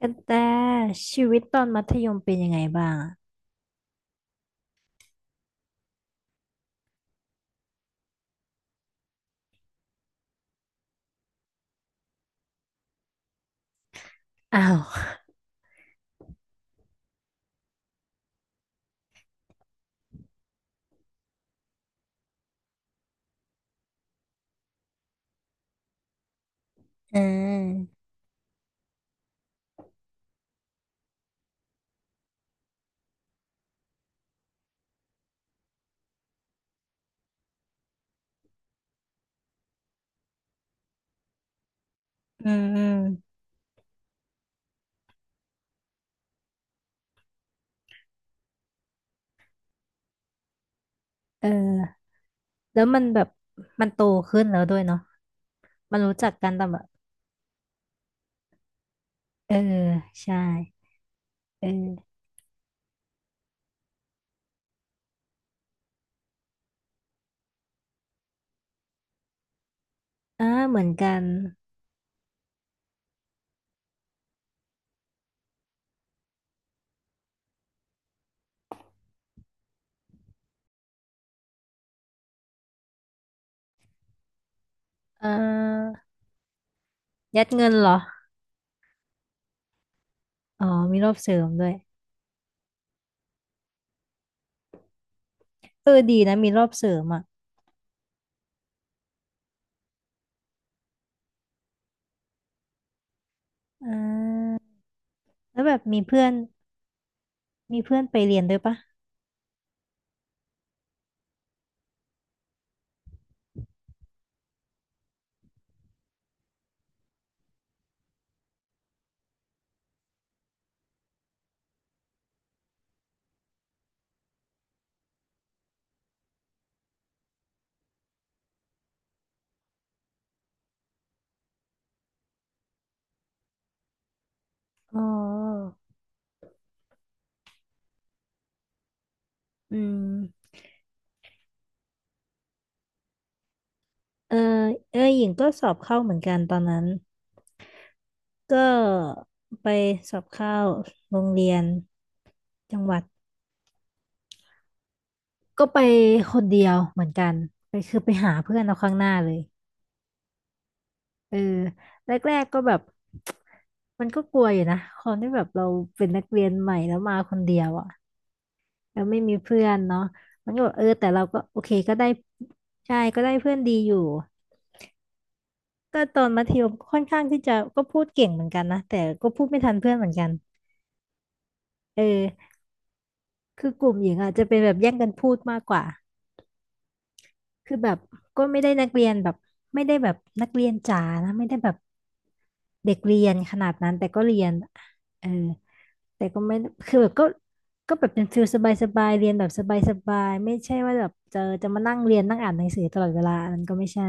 กันแต่ชีวิตตอนมัธยมเป็นยังไงบ้างอะอ้าว เอออืมอืมเออ แล้วมันแบบมันโตขึ้นแล้วด้วยเนาะมันรู้จักกันแต่แบบเออใช่เอออ่าเหมือนกันอ่ายัดเงินเหรอ อ๋อมีรอบเสริมด้วย เออดีนะมีรอบเสริมอ่ะอ่าแล้วแบบมีเพื่อน มีเพื่อนไปเรียนด้วยปะอ๋ออืมเออเออหญิงก็สอบเข้าเหมือนกันตอนนั้น ก็ไปสอบเข้าโรงเรียนจังหวัดก็ไปคนเดียวเหมือนกันไปคือไปหาเพื่อนเอาข้างหน้าเลยเออแรกๆก็แบบ มันก็กลัวอยู่นะคนที่แบบเราเป็นนักเรียนใหม่แล้วมาคนเดียวอ่ะแล้วไม่มีเพื่อนเนาะมันก็แบบเออแต่เราก็โอเคก็ได้ใช่ก็ได้เพื่อนดีอยู่ก็ตอนมัธยมค่อนข้างที่จะก็พูดเก่งเหมือนกันนะแต่ก็พูดไม่ทันเพื่อนเหมือนกันเออคือกลุ่มหญิงอ่ะจะเป็นแบบแย่งกันพูดมากกว่า คือแบบก็ไม่ได้นักเรียนแบบไม่ได้แบบนักเรียนจ๋านะไม่ได้แบบเด็กเรียนขนาดนั้นแต่ก็เรียนเออแต่ก็ไม่คือแบบก็ก็แบบเป็นฟิลสบายสบายเรียนแบบสบายสบายไม่ใช่ว่าแบบจะมานั่งเรียนนั่งอ่านหนังสือตลอดเวลาอันนั้นก็ไม่ใช่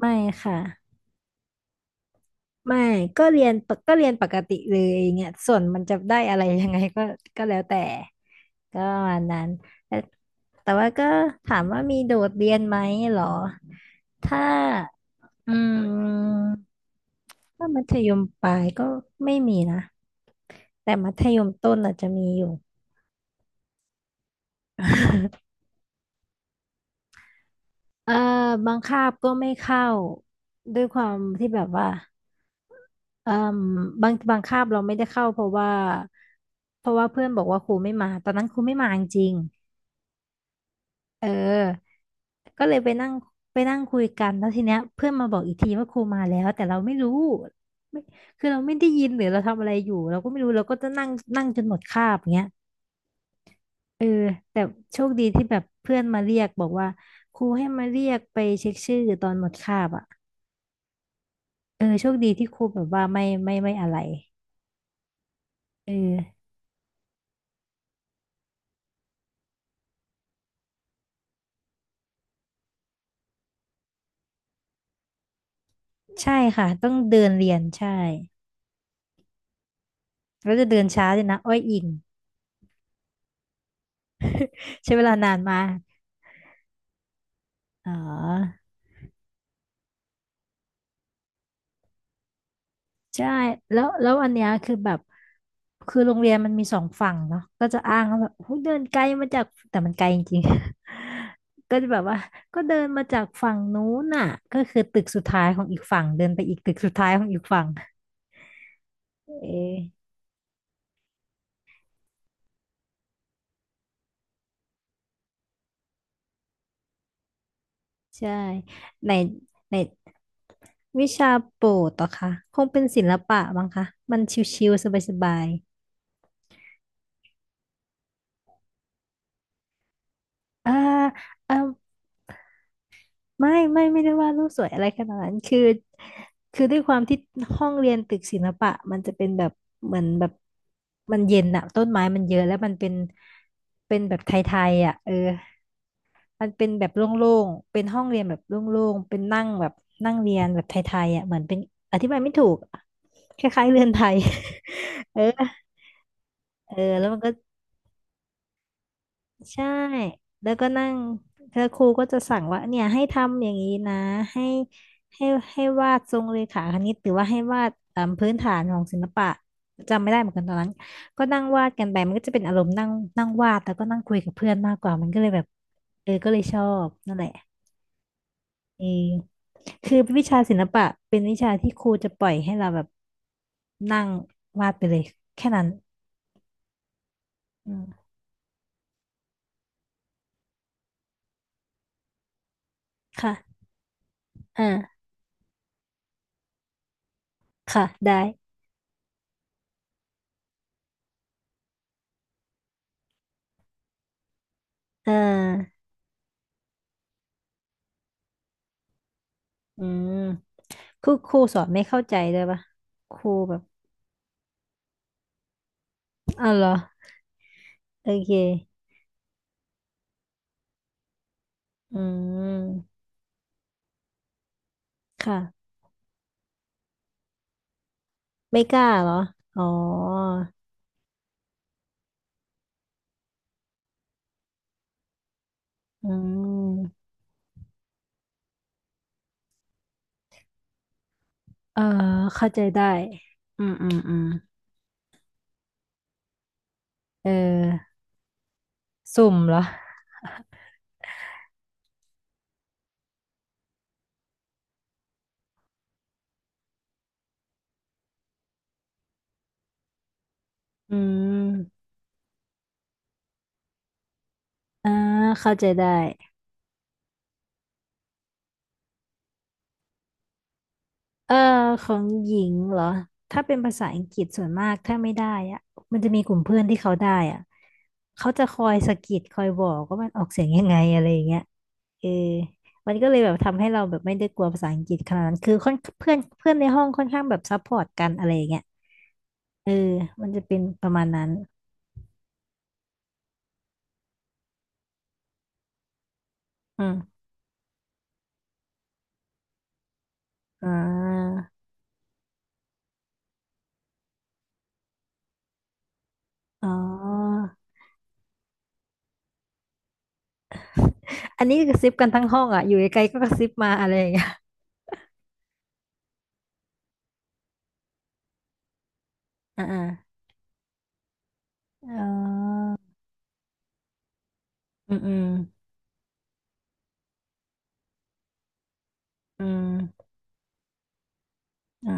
ไม่ค่ะ ไม่ก็เรียนปกก็เรียนปกติเลยอย่างเงี้ยส่วนมันจะได้อะไรยังไง ก็ก็แล้วแต่ก็ประมาณนั้นแต่แต่ว่าก็ถามว่ามีโดดเรียนไหมเหรอถ้าอืมถ้ามัธยมปลายก็ไม่มีนะแต่มัธยมต้นอาจจะมีอยู่ เอ่อบางคาบก็ไม่เข้าด้วยความที่แบบว่าเอ่มบางคาบเราไม่ได้เข้าเพราะว่าเพื่อนบอกว่าครูไม่มาตอนนั้นครูไม่มาจริงๆเออก็เลยไปนั่งไปนั่งคุยกันแล้วทีเนี้ยเพื่อนมาบอกอีกทีว่าครูมาแล้วแต่เราไม่รู้ไม่คือเราไม่ได้ยินหรือเราทำอะไรอยู่เราก็ไม่รู้เราก็จะนั่งนั่งจนหมดคาบอย่างเงี้ยเออแต่โชคดีที่แบบเพื่อนมาเรียกบอกว่าครูให้มาเรียกไปเช็คชื่อตอนหมดคาบอ่ะ เออโชคดีที่ครูแบบว่าไม่อะไรเออใช่ค่ะต้องเดินเรียนใช่แล้วจะเดินช้าเลยนะอ้อยอิงใช้เวลานานมากอ๋อใช่แล้วแล้วอันเนี้ยคือแบบคือโรงเรียนมันมีสองฝั่งเนาะก็จะอ้างว่าแบบโอ้ยเดินไกลมาจากแต่มันไกลจริงๆ ก็จะแบบว่าก็เดินมาจากฝั่งนู้นน่ะก็คือตึกสุดท้ายของอีกฝั่งเดินไปอีกตึกสุดท้ายของอีกฝั่งเออใช่ในใน วิชาโปรดเหรอคะคงเป็นศิลปะบ้างคะมันชิวๆสบายๆอ่าอ่าไม่ไม่ไม่ได้ว่าดรูปสวยอะไรขนาดนั้นคือคือด้วยความที่ห้องเรียนตึกศิลปะมันจะเป็นแบบเหมือนแบบมันเย็นอะต้นไม้มันเยอะแล้วมันเป็นเป็นแบบไทยๆอะเออมันเป็นแบบโล่งๆเป็นห้องเรียนแบบโล่งๆเป็นนั่งแบบนั่งเรียนแบบไทยๆอะเหมือนเป็นอธิบายไม่ถูกคล้ายๆเรือนไทย เออเออแล้วมันก็ ใช่ แล้วก็นั่งแล้วครูก็จะสั่งว่าเนี่ยให้ทำอย่างนี้นะให้ให้ให้วาดทรงเรขาคณิตหรือว่าให้วาดเอ่มพื้นฐานของศิลปะจำไม่ได้เหมือนกันตอนนั้นก็นั่งวาดกันไปมันก็จะเป็นอารมณ์นั่งนั่งวาดแล้วก็นั่งคุยกับเพื่อนมากกว่ามันก็เลยแบบเออก็เลยชอบนั่นแหละเออคือวิชาศิลปะเป็นวิชาที่ครูจะปล่อยให้เราแบบนั่งวาดไปเลยแค่นั้นอืมค่ะอ่าค่ะได้เออ อืมคือครูสอนไม่เข้าใจเลยปะครูแบบอ้าวเหรอโอเคอืมค่ะไม่กล้าเหรออ๋ออืมเออเข้าใจได้อืมอืมอืมเออสุ่มเหรออืมอ่าเข้าใจได้เออของหญิงเหรอถ้าเป็นภาษาอังกฤษส่วนมากถ้าไม่ได้อะมันจะมีกลุ่มเพื่อนที่เขาได้อะเขาจะคอยสะกิดคอยบอกว่ามันออกเสียงยังไงอะไรอย่างเงี้ย เออมันก็เลยแบบทำให้เราแบบไม่ได้กลัวภาษาอังกฤษขนาดนั้นคือค่อนเพื่อนเพื่อนในห้องค่อนข้างแบบซัพพอร์ตกันอะไรอย่างเงี้ยเออมันจะเป็นประมาณนั้นอืมอ่าอ๋ออันนี้กระซิบกันทั้งห้องอ่ะอยู่ไกลๆก็กระซิบมาอะไรอย่างเงี้ย อ่าอ่าอ๋ออืมอืมอืมอ่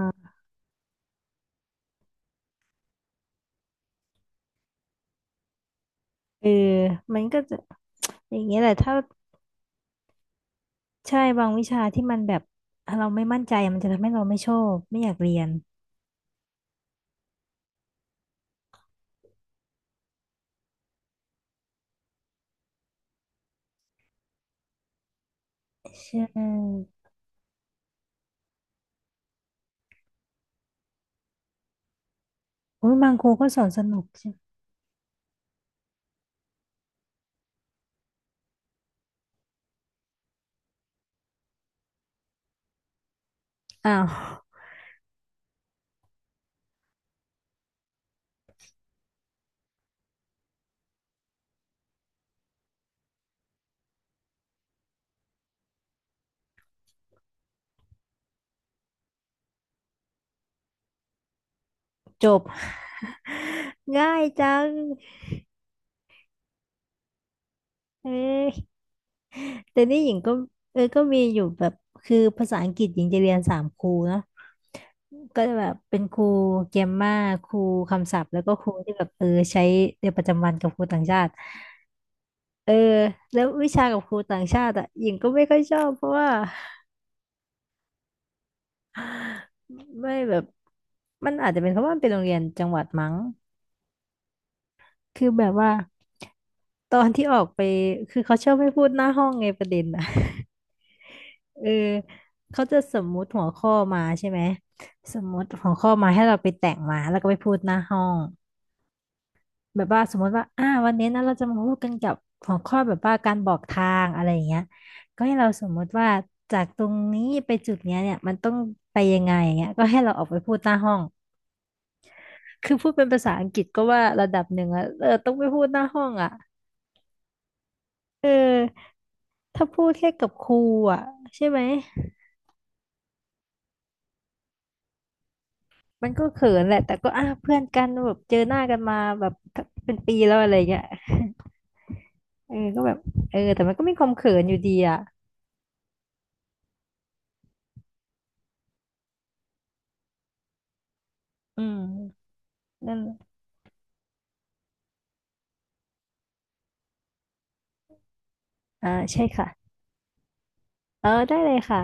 าเออมันก็จะ อย่างเงี้ยแหละถ้าใช่บางวิชาที่มันแบบเราไม่มั่นใจมันจะทำให้เราไม่ชอบไม่อยากเรียนใช่โอ้ยบางครูก็สอนสนุก อ้าวจบ ง่ายจังเอ้ยแต่นี่หญิงก็เออก็มีอยู่แบบคือภาษาอังกฤษหญิงจะเรียนสามครูเนาะก็จะแบบเป็นครูเกมมาครูคำศัพท์แล้วก็ครูที่แบบเออใช้ในประจำวันกับครูต่างชาติเออแล้ววิชากับครูต่างชาติอ่ะหญิงก็ไม่ค่อยชอบเพราะว่าไม่แบบมันอาจจะเป็นเพราะว่ามันเป็นโรงเรียนจังหวัดมั้ง คือแบบว่าตอนที่ออกไปคือเขาชอบไม่พูดหน้าห้องไงประเด็นอ่ะ เออเขาจะสมมุติหัวข้อมาใช่ไหมสมมุติหัวข้อมาให้เราไปแต่งมาแล้วก็ไปพูดหน้าห้องแบบว่าสมมติว่าอ่าวันนี้นะเราจะมาพูดกันกับหัวข้อแบบว่าการบอกทางอะไรอย่างเงี้ยก็ให้เราสมมติว่าจากตรงนี้ไปจุดเนี้ยเนี่ยมันต้องไปยังไงอย่างเงี้ยก็ให้เราออกไปพูดหน้าห้องคือพูดเป็นภาษาอังกฤษก็ว่าระดับหนึ่งอะเออต้องไปพูดหน้าห้องอะ เออถ้าพูดแค่กับครูอ่ะใช่ไหมมันก็เขินแหละแต่ก็อ่ะเพื่อนกันแบบเจอหน้ากันมาแบบเป็นปีแล้วอะไรเงี้ย เออก็แบบเออแต่มันก็มีความเขินอยู่ดีอ่ะอืมนั่นอ่าใช่ค่ะเออได้เลยค่ะ